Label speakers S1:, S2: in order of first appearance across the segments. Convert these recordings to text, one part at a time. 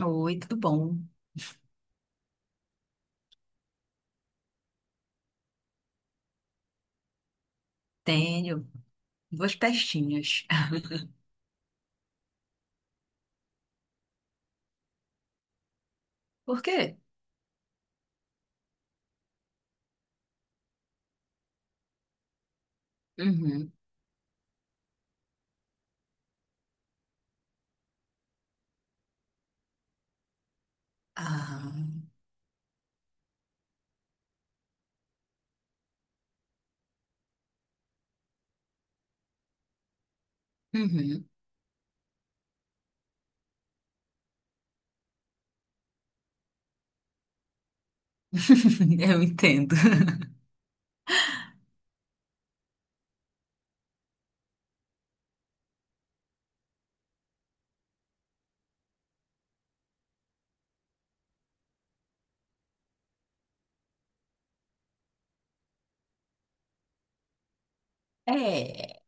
S1: Oi, tudo bom? Tenho duas pestinhas. Por quê? Uhum. Ah, uhum. Eu entendo. É,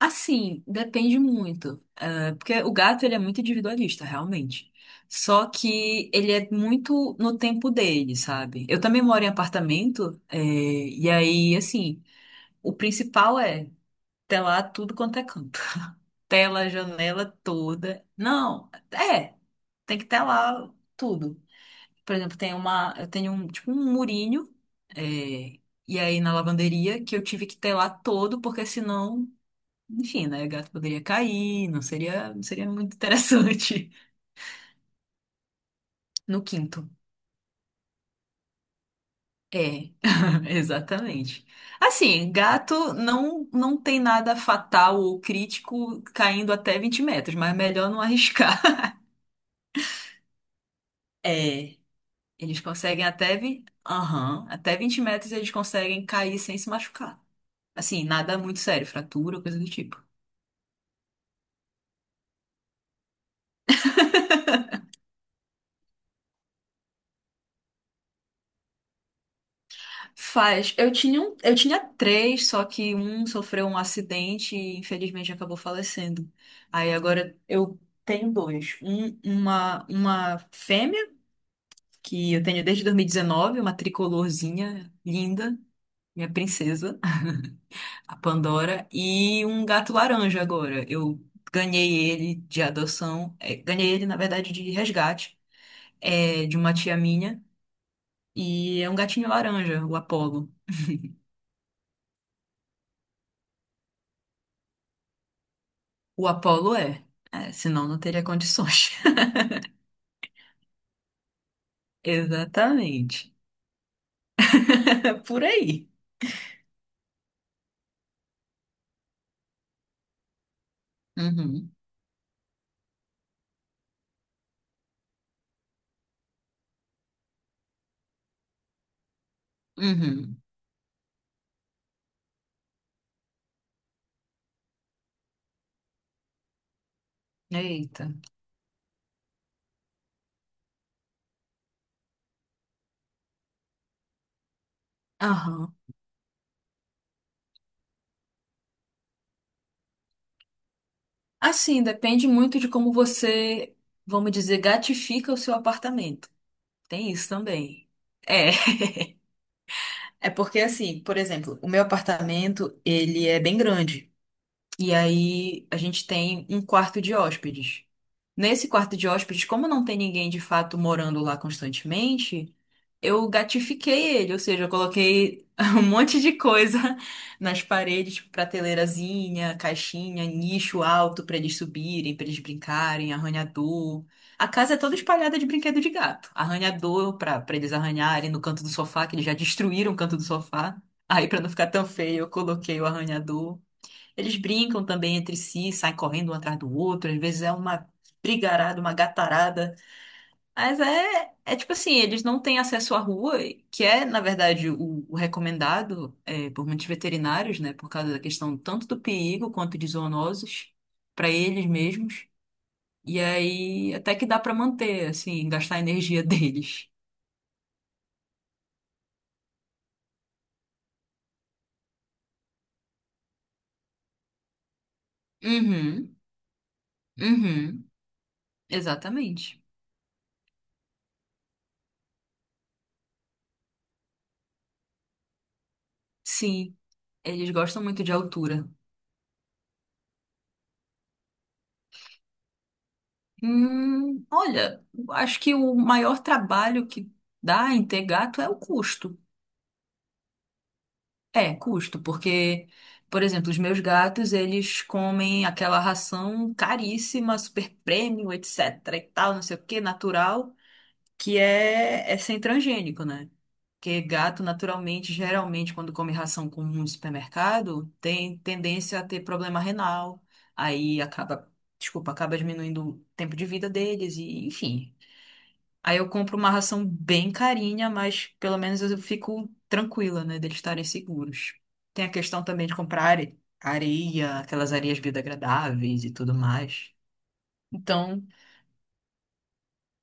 S1: assim, depende muito. Ah, porque o gato, ele é muito individualista, realmente. Só que ele é muito no tempo dele, sabe? Eu também moro em apartamento, é, e aí, assim, o principal é telar tudo quanto é canto. Tela, a janela toda. Não, é. Tem que telar tudo. Por exemplo, eu tenho um, tipo um murinho, é, e aí na lavanderia que eu tive que telar todo, porque senão, enfim, né, o gato poderia cair, não seria muito interessante. No quinto. É, exatamente. Assim, gato não, não tem nada fatal ou crítico caindo até 20 metros, mas é melhor não arriscar. É. Eles conseguem Aham, até 20 metros eles conseguem cair sem se machucar. Assim, nada muito sério, fratura, coisa do tipo. Faz. Eu tinha três, só que um sofreu um acidente e infelizmente acabou falecendo. Aí agora eu tenho dois. Uma fêmea, que eu tenho desde 2019, uma tricolorzinha linda, minha princesa, a Pandora, e um gato laranja agora. Eu ganhei ele de adoção, é, ganhei ele, na verdade, de resgate, é, de uma tia minha, e é um gatinho laranja, o Apollo. O Apollo é, senão não teria condições. Exatamente. Por aí. Uhum, uhum. Eita. Aham. Assim, depende muito de como você, vamos dizer, gatifica o seu apartamento. Tem isso também. É. É porque assim, por exemplo, o meu apartamento, ele é bem grande. E aí a gente tem um quarto de hóspedes. Nesse quarto de hóspedes, como não tem ninguém de fato morando lá constantemente, eu gatifiquei ele, ou seja, eu coloquei um monte de coisa nas paredes, tipo prateleirazinha, caixinha, nicho alto para eles subirem, para eles brincarem, arranhador. A casa é toda espalhada de brinquedo de gato. Arranhador para eles arranharem no canto do sofá, que eles já destruíram o canto do sofá. Aí, para não ficar tão feio, eu coloquei o arranhador. Eles brincam também entre si, saem correndo um atrás do outro, às vezes é uma brigarada, uma gatarada. Mas é tipo assim, eles não têm acesso à rua, que é, na verdade, o recomendado é, por muitos veterinários, né? Por causa da questão tanto do perigo quanto de zoonoses para eles mesmos. E aí até que dá para manter, assim, gastar a energia deles. Uhum, uhum, exatamente. Sim, eles gostam muito de altura. Olha, acho que o maior trabalho que dá em ter gato é o custo. É, custo, porque, por exemplo, os meus gatos, eles comem aquela ração caríssima, super premium, etc e tal, não sei o que, natural, que é sem transgênico, né? Porque gato, naturalmente, geralmente, quando come ração comum no supermercado, tem tendência a ter problema renal, aí acaba, desculpa, acaba diminuindo o tempo de vida deles e, enfim... Aí eu compro uma ração bem carinha, mas pelo menos eu fico tranquila, né, deles estarem seguros. Tem a questão também de comprar areia, aquelas areias biodegradáveis e tudo mais. Então,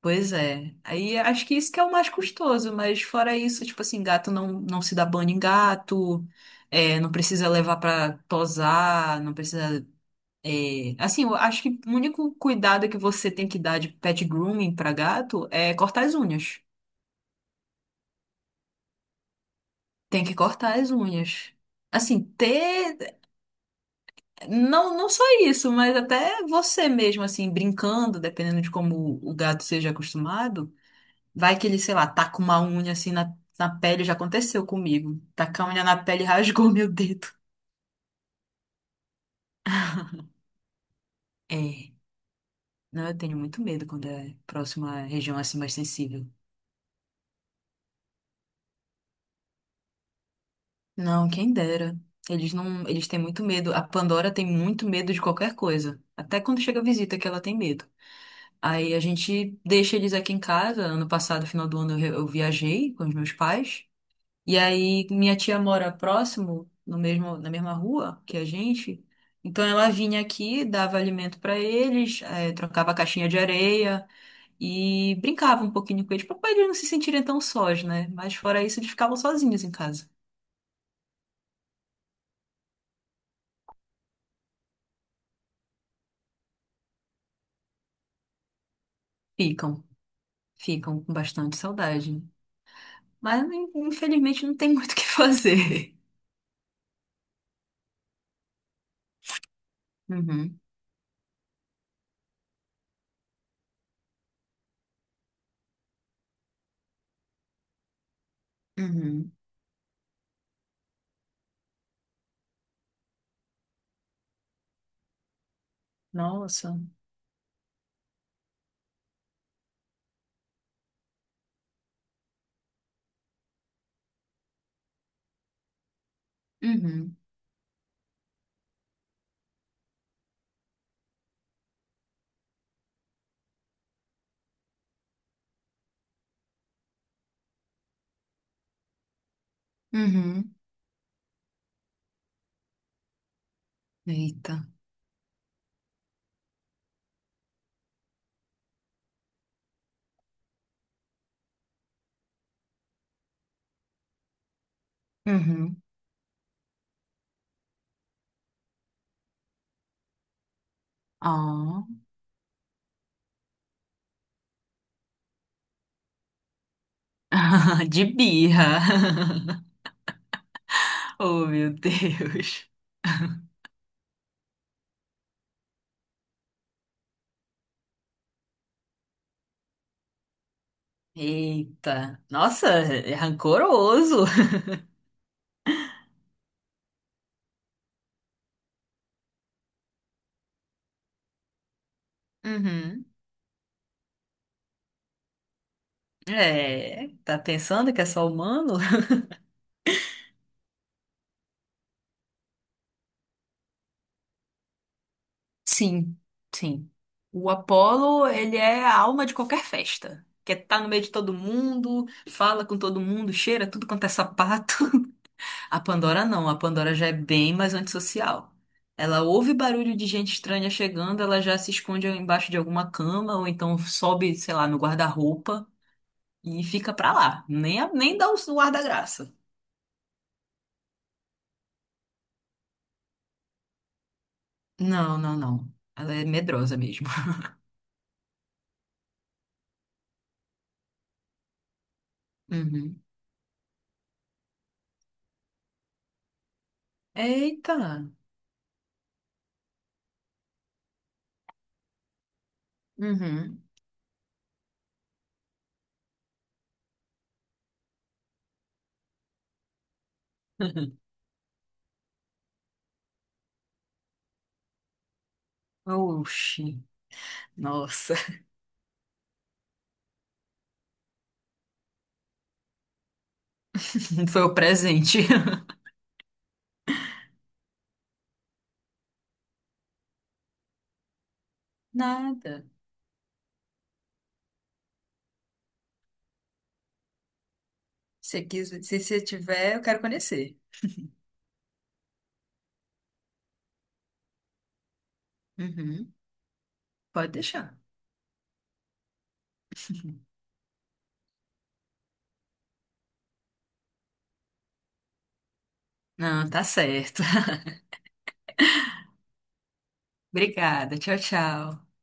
S1: pois é. Aí acho que isso que é o mais custoso, mas fora isso, tipo assim, gato não, não se dá banho em gato, é, não precisa levar pra tosar, não precisa. É, assim, eu acho que o único cuidado que você tem que dar de pet grooming pra gato é cortar as unhas. Tem que cortar as unhas. Assim, ter. Não, não só isso, mas até você mesmo, assim, brincando, dependendo de como o gato seja acostumado, vai que ele, sei lá, taca uma unha assim na pele, já aconteceu comigo. Tacar a unha na pele e rasgou meu dedo. É. Não, eu tenho muito medo quando é próxima região assim mais sensível. Não, quem dera. Eles não, eles têm muito medo. A Pandora tem muito medo de qualquer coisa. Até quando chega a visita que ela tem medo. Aí a gente deixa eles aqui em casa. Ano passado, final do ano, eu viajei com os meus pais. E aí minha tia mora próximo, no mesmo, na mesma rua que a gente. Então ela vinha aqui, dava alimento para eles, trocava a caixinha de areia e brincava um pouquinho com eles, para eles não se sentirem tão sós, né? Mas fora isso, eles ficavam sozinhos em casa. Ficam, ficam com bastante saudade. Mas infelizmente não tem muito o que fazer. Uhum, uhum. Nossa. Uhum. Uhum. Eita. Uhum. Ó. De birra. Oh, meu Deus. Eita. Nossa, é rancoroso. Uhum. É, tá pensando que é só humano? Sim, sim. O Apolo, ele é a alma de qualquer festa. Quer estar no meio de todo mundo, fala com todo mundo, cheira tudo quanto é sapato. A Pandora não, a Pandora já é bem mais antissocial. Ela ouve barulho de gente estranha chegando, ela já se esconde embaixo de alguma cama, ou então sobe, sei lá, no guarda-roupa e fica pra lá. Nem dá o guarda-graça. Não, não, não. Ela é medrosa mesmo. Uhum. Eita! Uhum. Oxi. Nossa, foi o presente. Nada. Se você tiver, eu quero conhecer. Uhum. Pode deixar. Não, tá certo. Obrigada. Tchau, tchau.